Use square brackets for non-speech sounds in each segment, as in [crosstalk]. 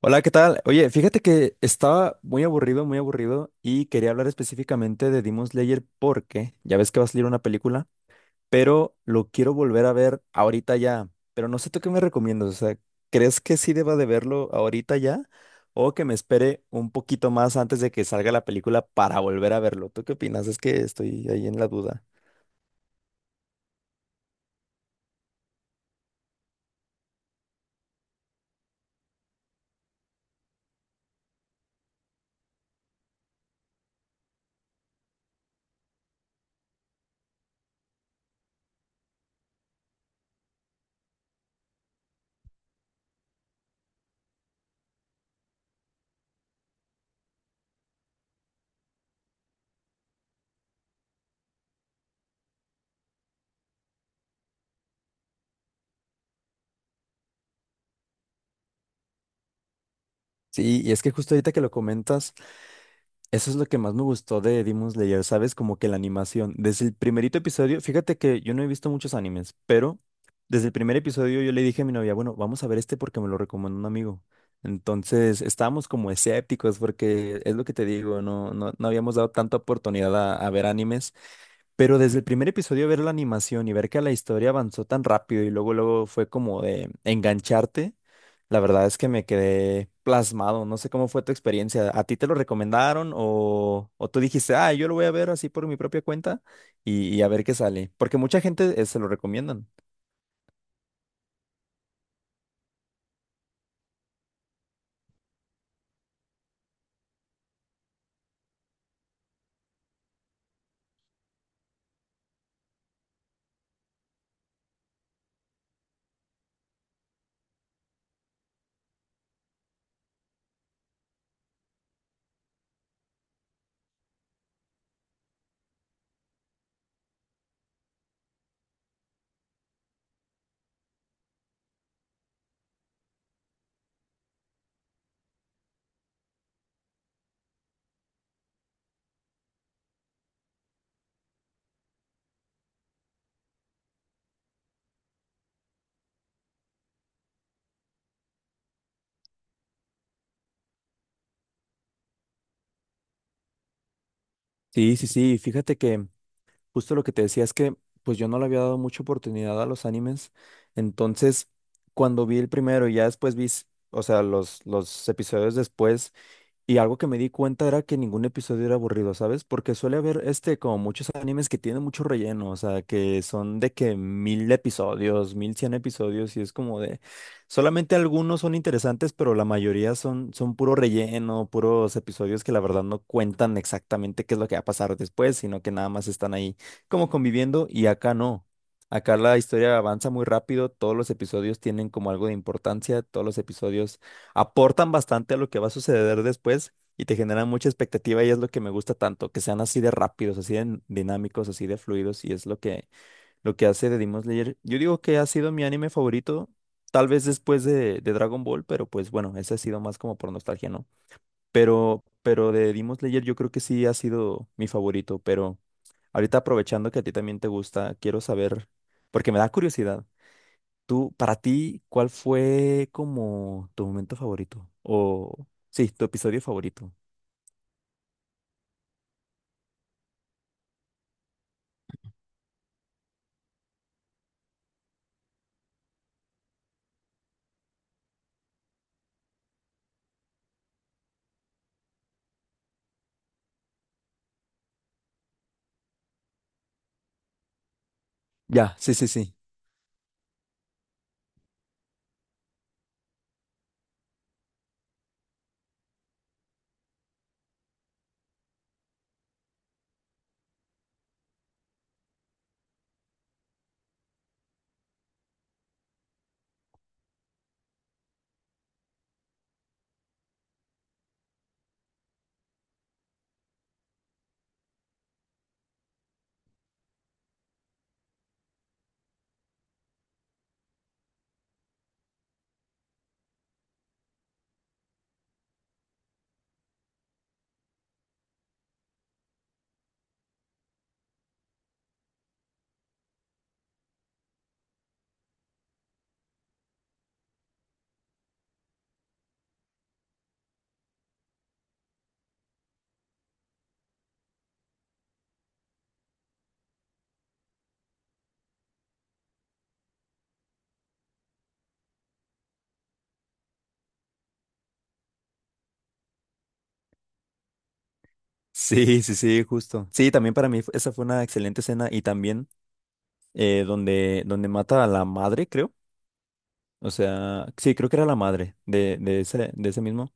Hola, ¿qué tal? Oye, fíjate que estaba muy, aburrido, muy aburrido y quería hablar específicamente de Demon Slayer porque ya ves que va a salir una película, pero lo quiero volver a ver ahorita ya. Pero no sé tú qué me recomiendas, o sea, ¿crees que sí deba de verlo ahorita ya o que me espere un poquito más antes de que salga la película para volver a verlo? ¿Tú qué opinas? Es que estoy ahí en la duda. Sí, y es que justo ahorita que lo comentas. Eso es lo que más me gustó de Demon Slayer, ¿sabes? Como que la animación. Desde el primerito episodio, fíjate que yo no he visto muchos animes, pero desde el primer episodio yo le dije a mi novia, bueno, vamos a ver este porque me lo recomendó un amigo. Entonces estábamos como escépticos porque es lo que te digo, no, no, no habíamos dado tanta oportunidad a ver animes, pero desde el primer episodio ver la animación y ver que la historia avanzó tan rápido y luego luego fue como de engancharte, la verdad es que me quedé plasmado. No sé cómo fue tu experiencia. ¿A ti te lo recomendaron o tú dijiste, ah, yo lo voy a ver así por mi propia cuenta y a ver qué sale? Porque mucha gente se lo recomiendan. Sí, sí, sí. Fíjate que justo lo que te decía es que pues yo no le había dado mucha oportunidad a los animes. Entonces, cuando vi el primero y ya después o sea, los episodios después. Y algo que me di cuenta era que ningún episodio era aburrido, ¿sabes? Porque suele haber este, como muchos animes que tienen mucho relleno, o sea, que son de que mil episodios, mil cien episodios, y es como de, solamente algunos son interesantes, pero la mayoría son, son puro relleno, puros episodios que la verdad no cuentan exactamente qué es lo que va a pasar después, sino que nada más están ahí como conviviendo, y acá no. Acá la historia avanza muy rápido, todos los episodios tienen como algo de importancia, todos los episodios aportan bastante a lo que va a suceder después y te generan mucha expectativa y es lo que me gusta tanto, que sean así de rápidos, así de dinámicos, así de fluidos y es lo que hace de Demon Slayer. Yo digo que ha sido mi anime favorito, tal vez después de Dragon Ball, pero pues bueno, ese ha sido más como por nostalgia, ¿no? Pero de Demon Slayer yo creo que sí ha sido mi favorito, pero ahorita aprovechando que a ti también te gusta, quiero saber, porque me da curiosidad. Tú, para ti, ¿cuál fue como tu momento favorito? O sí, tu episodio favorito. Ya, sí, sí, sí. Sí, sí, sí, justo. Sí, también para mí esa fue una excelente escena y también donde, donde mata a la madre, creo. O sea, sí, creo que era la madre de ese mismo.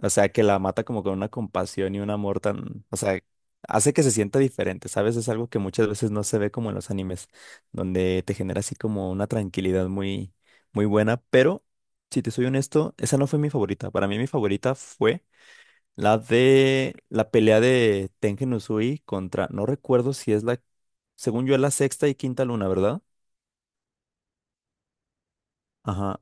O sea, que la mata como con una compasión y un amor tan, o sea, hace que se sienta diferente, ¿sabes? Es algo que muchas veces no se ve como en los animes, donde te genera así como una tranquilidad muy, muy buena, pero si te soy honesto, esa no fue mi favorita. Para mí mi favorita fue la de la pelea de Tengen Uzui contra, no recuerdo si es la, según yo es la sexta y quinta luna, ¿verdad? Ajá.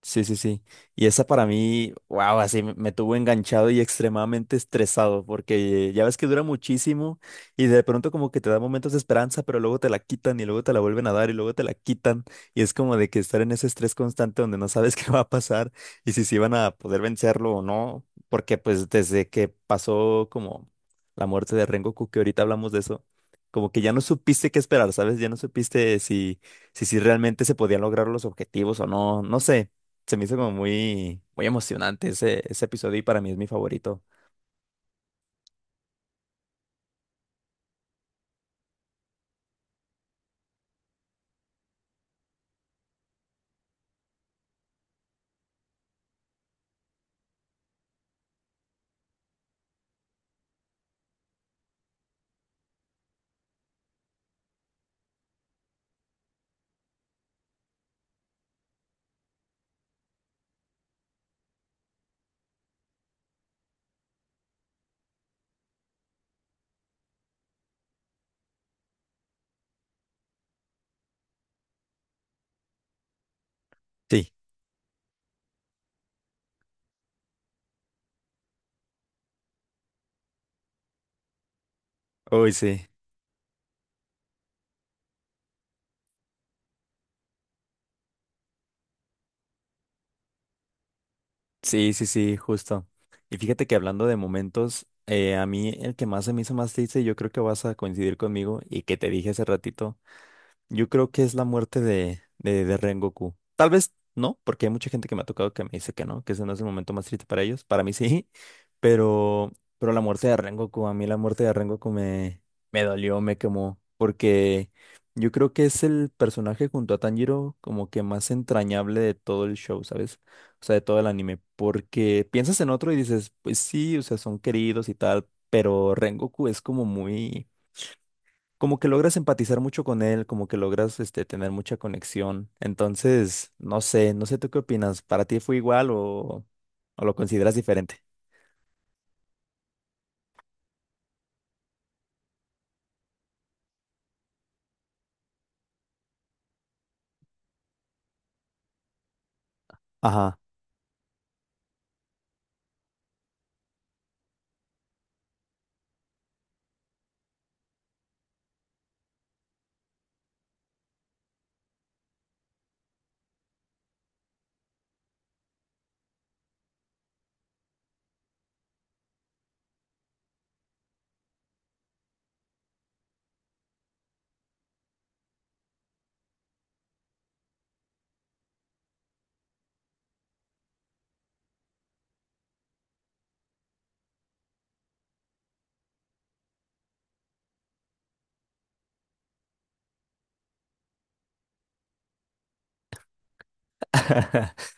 Sí, sí, sí. Y esa para mí, wow, así me, me tuvo enganchado y extremadamente estresado, porque ya ves que dura muchísimo y de pronto como que te da momentos de esperanza, pero luego te la quitan y luego te la vuelven a dar y luego te la quitan. Y es como de que estar en ese estrés constante donde no sabes [laughs] qué va a pasar y si se van a poder vencerlo o no, porque pues desde que pasó como la muerte de Rengoku, que ahorita hablamos de eso, como que ya no supiste qué esperar, ¿sabes? Ya no supiste si realmente se podían lograr los objetivos o no, no sé. Se me hizo como muy, muy emocionante ese, ese episodio y para mí es mi favorito. Sí, uy, sí, sí, sí, sí, justo. Y fíjate que hablando de momentos, a mí el que más se me hizo más triste, yo creo que vas a coincidir conmigo y que te dije hace ratito. Yo creo que es la muerte de Rengoku. Tal vez no, porque hay mucha gente que me ha tocado que me dice que no, que ese no es el momento más triste para ellos. Para mí sí, [laughs] pero la muerte de Rengoku, a mí la muerte de Rengoku me, me dolió, me quemó, porque yo creo que es el personaje junto a Tanjiro como que más entrañable de todo el show, ¿sabes? O sea, de todo el anime, porque piensas en otro y dices, pues sí, o sea, son queridos y tal, pero Rengoku es como muy como que logras empatizar mucho con él, como que logras este, tener mucha conexión. Entonces, no sé, no sé tú qué opinas. ¿Para ti fue igual o lo consideras diferente? Ajá. [laughs]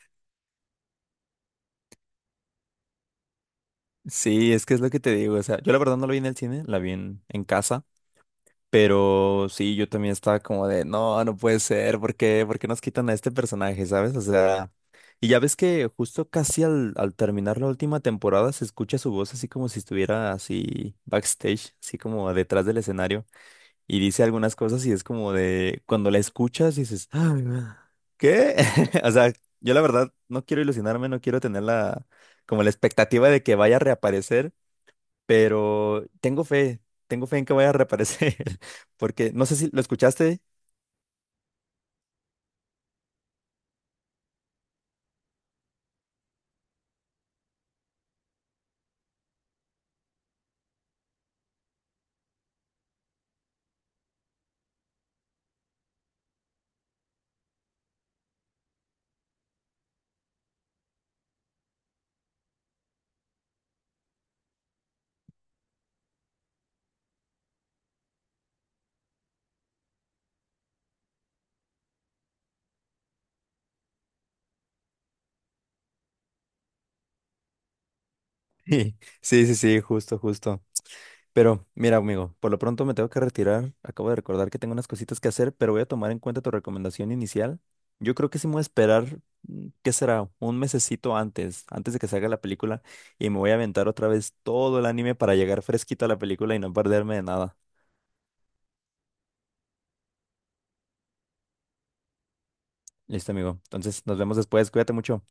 Sí, es que es lo que te digo. O sea, yo la verdad no la vi en el cine, la vi en casa. Pero sí, yo también estaba como de, no, no puede ser, ¿por qué? ¿Por qué nos quitan a este personaje, sabes? O sea, y ya ves que justo casi al terminar la última temporada se escucha su voz así como si estuviera así backstage, así como detrás del escenario. Y dice algunas cosas y es como de, cuando la escuchas dices, "Ah, ah, ¿qué? [laughs] O sea, yo la verdad no quiero ilusionarme, no quiero tener la, como la expectativa de que vaya a reaparecer, pero tengo fe en que vaya a reaparecer, [laughs] porque no sé si lo escuchaste. Sí, sí, sí, sí, justo, justo. Pero mira, amigo, por lo pronto me tengo que retirar. Acabo de recordar que tengo unas cositas que hacer, pero voy a tomar en cuenta tu recomendación inicial. Yo creo que sí me voy a esperar, mm, ¿qué será? Un mesecito antes, antes de que salga la película, y me voy a aventar otra vez todo el anime para llegar fresquito a la película y no perderme de nada. Listo, amigo. Entonces, nos vemos después. Cuídate mucho.